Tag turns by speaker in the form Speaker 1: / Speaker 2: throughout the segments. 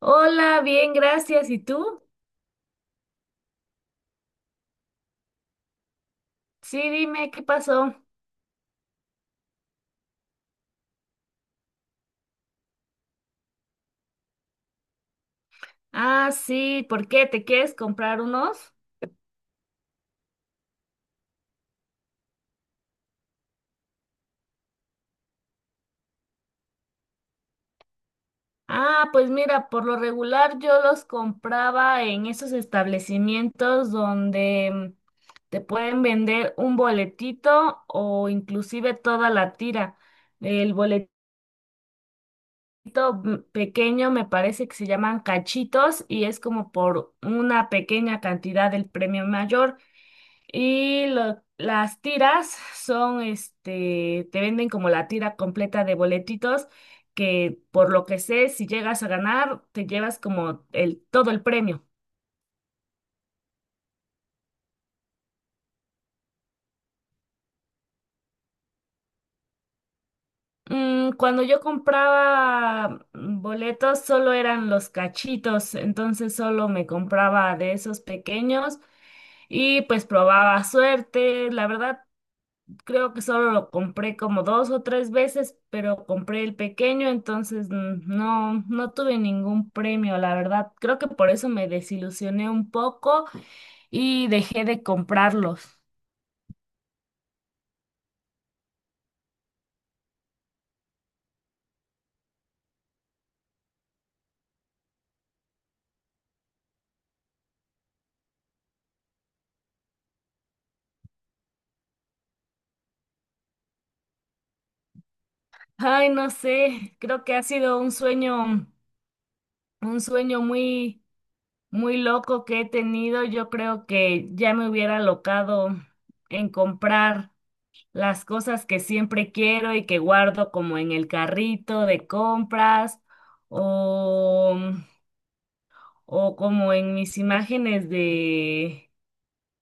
Speaker 1: Hola, bien, gracias. ¿Y tú? Sí, dime, ¿qué pasó? Ah, sí, ¿por qué? ¿Te quieres comprar unos? Ah, pues mira, por lo regular yo los compraba en esos establecimientos donde te pueden vender un boletito o inclusive toda la tira. El boletito pequeño me parece que se llaman cachitos y es como por una pequeña cantidad del premio mayor. Y las tiras son, este, te venden como la tira completa de boletitos, que por lo que sé, si llegas a ganar, te llevas como todo el premio. Cuando yo compraba boletos, solo eran los cachitos, entonces solo me compraba de esos pequeños y pues probaba suerte. La verdad, creo que solo lo compré como dos o tres veces, pero compré el pequeño, entonces no, no tuve ningún premio, la verdad. Creo que por eso me desilusioné un poco y dejé de comprarlos. Ay, no sé, creo que ha sido un sueño muy, muy loco que he tenido. Yo creo que ya me hubiera locado en comprar las cosas que siempre quiero y que guardo como en el carrito de compras o, o como en mis imágenes de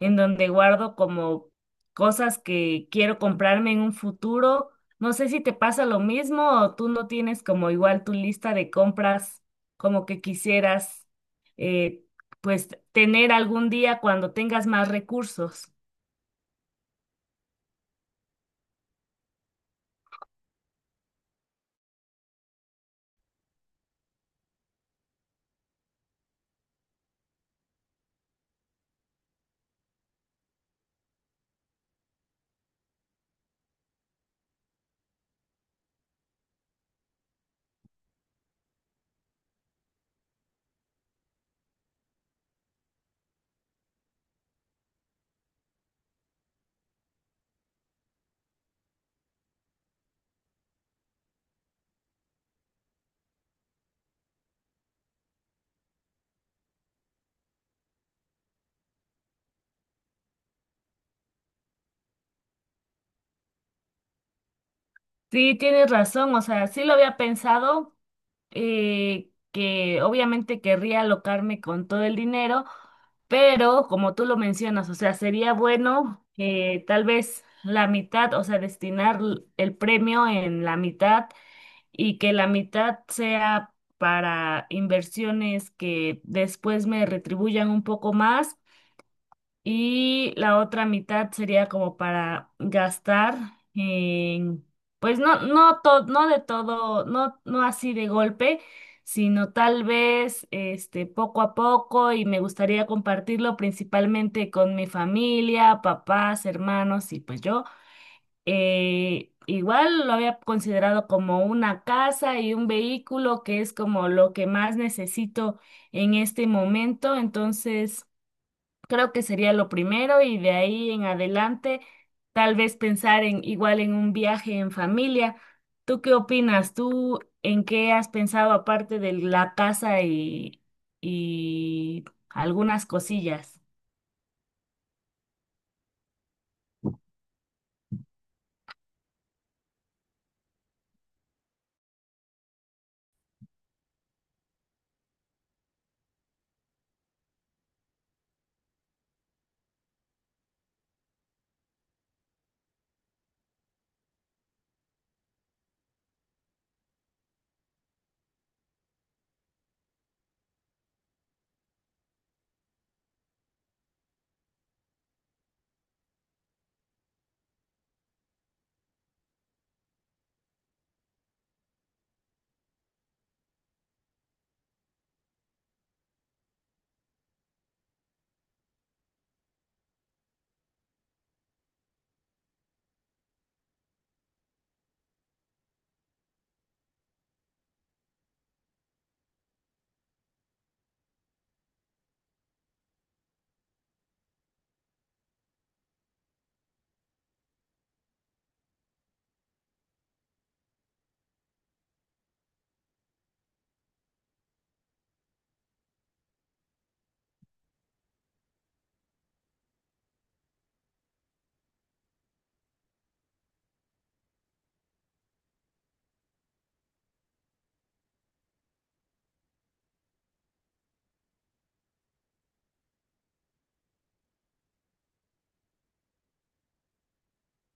Speaker 1: en donde guardo como cosas que quiero comprarme en un futuro. No sé si te pasa lo mismo o tú no tienes como igual tu lista de compras como que quisieras eh, pues tener algún día cuando tengas más recursos. Sí, tienes razón, o sea, sí lo había pensado, que obviamente querría alocarme con todo el dinero, pero como tú lo mencionas, o sea, sería bueno tal vez la mitad, o sea, destinar el premio en la mitad y que la mitad sea para inversiones que después me retribuyan un poco más y la otra mitad sería como para gastar en, pues no, no, no de todo, no, no así de golpe, sino tal vez este, poco a poco y me gustaría compartirlo principalmente con mi familia, papás, hermanos y pues yo. Igual lo había considerado como una casa y un vehículo que es como lo que más necesito en este momento, entonces creo que sería lo primero y de ahí en adelante tal vez pensar en igual en un viaje en familia. ¿Tú qué opinas? ¿Tú en qué has pensado aparte de la casa y algunas cosillas?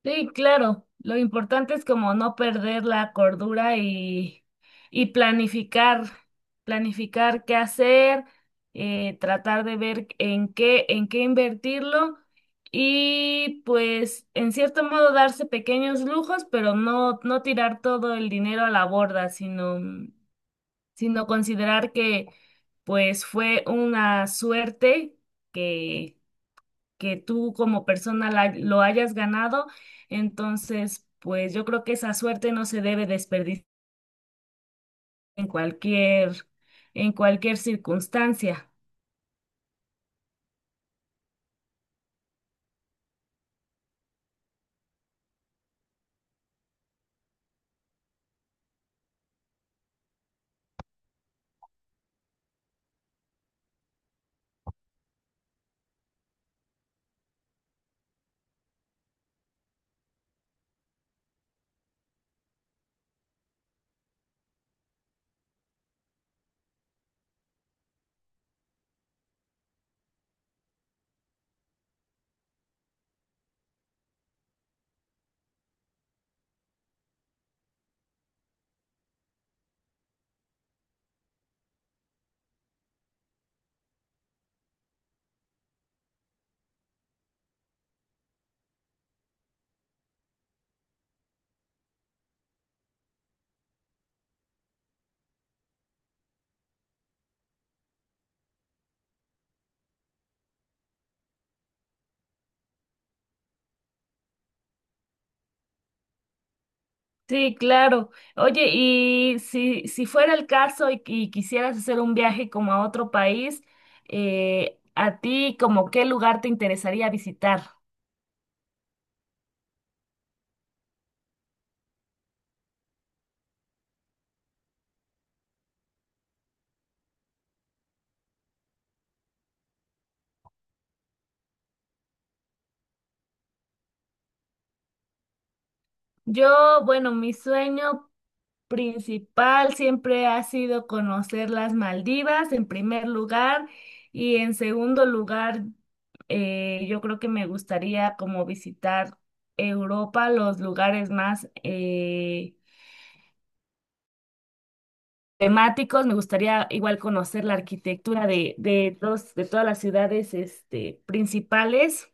Speaker 1: Sí, claro. Lo importante es como no perder la cordura y planificar, planificar qué hacer, tratar de ver en qué invertirlo y pues en cierto modo darse pequeños lujos, pero no, no tirar todo el dinero a la borda, sino considerar que pues fue una suerte que que tú como persona lo hayas ganado. Entonces, pues yo creo que esa suerte no se debe desperdiciar en cualquier, en cualquier circunstancia. Sí, claro. Oye, y si fuera el caso y quisieras hacer un viaje como a otro país, ¿a ti como qué lugar te interesaría visitar? Yo, bueno, mi sueño principal siempre ha sido conocer las Maldivas en primer lugar y en segundo lugar yo creo que me gustaría como visitar Europa, los lugares más temáticos, me gustaría igual conocer la arquitectura de todas las ciudades este, principales.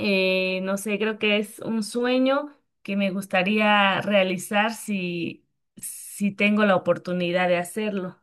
Speaker 1: No sé, creo que es un sueño que me gustaría realizar si tengo la oportunidad de hacerlo.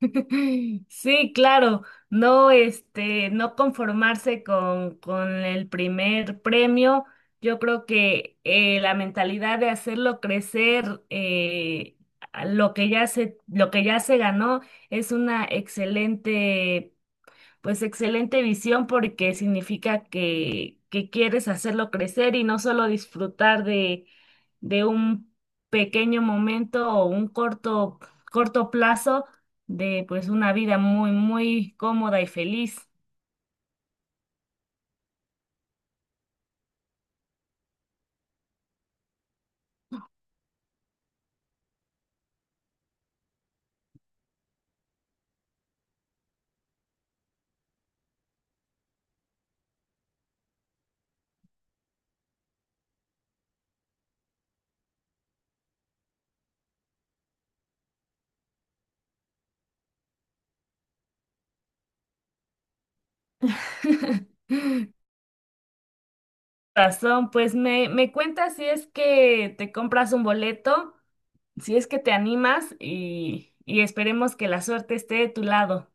Speaker 1: Sí, claro, no, este, no conformarse con el primer premio. Yo creo que la mentalidad de hacerlo crecer, a lo que ya se, lo que ya se ganó, es una excelente visión porque significa que quieres hacerlo crecer y no solo disfrutar de un pequeño momento o un corto, corto plazo de pues una vida muy, muy cómoda y feliz. Razón, pues me cuentas si es que te compras un boleto, si es que te animas y esperemos que la suerte esté de tu lado.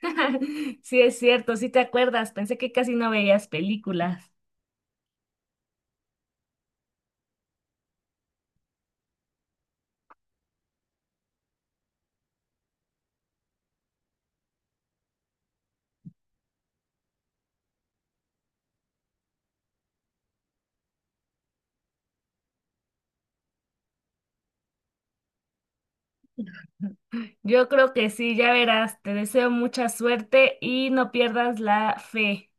Speaker 1: Sí, es cierto, sí te acuerdas, pensé que casi no veías películas. Yo creo que sí, ya verás, te deseo mucha suerte y no pierdas la fe.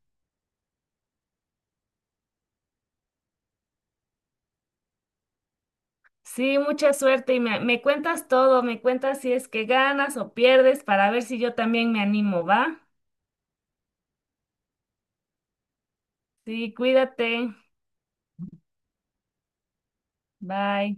Speaker 1: Sí, mucha suerte y me cuentas todo, me cuentas si es que ganas o pierdes para ver si yo también me animo, ¿va? Sí, cuídate, bye.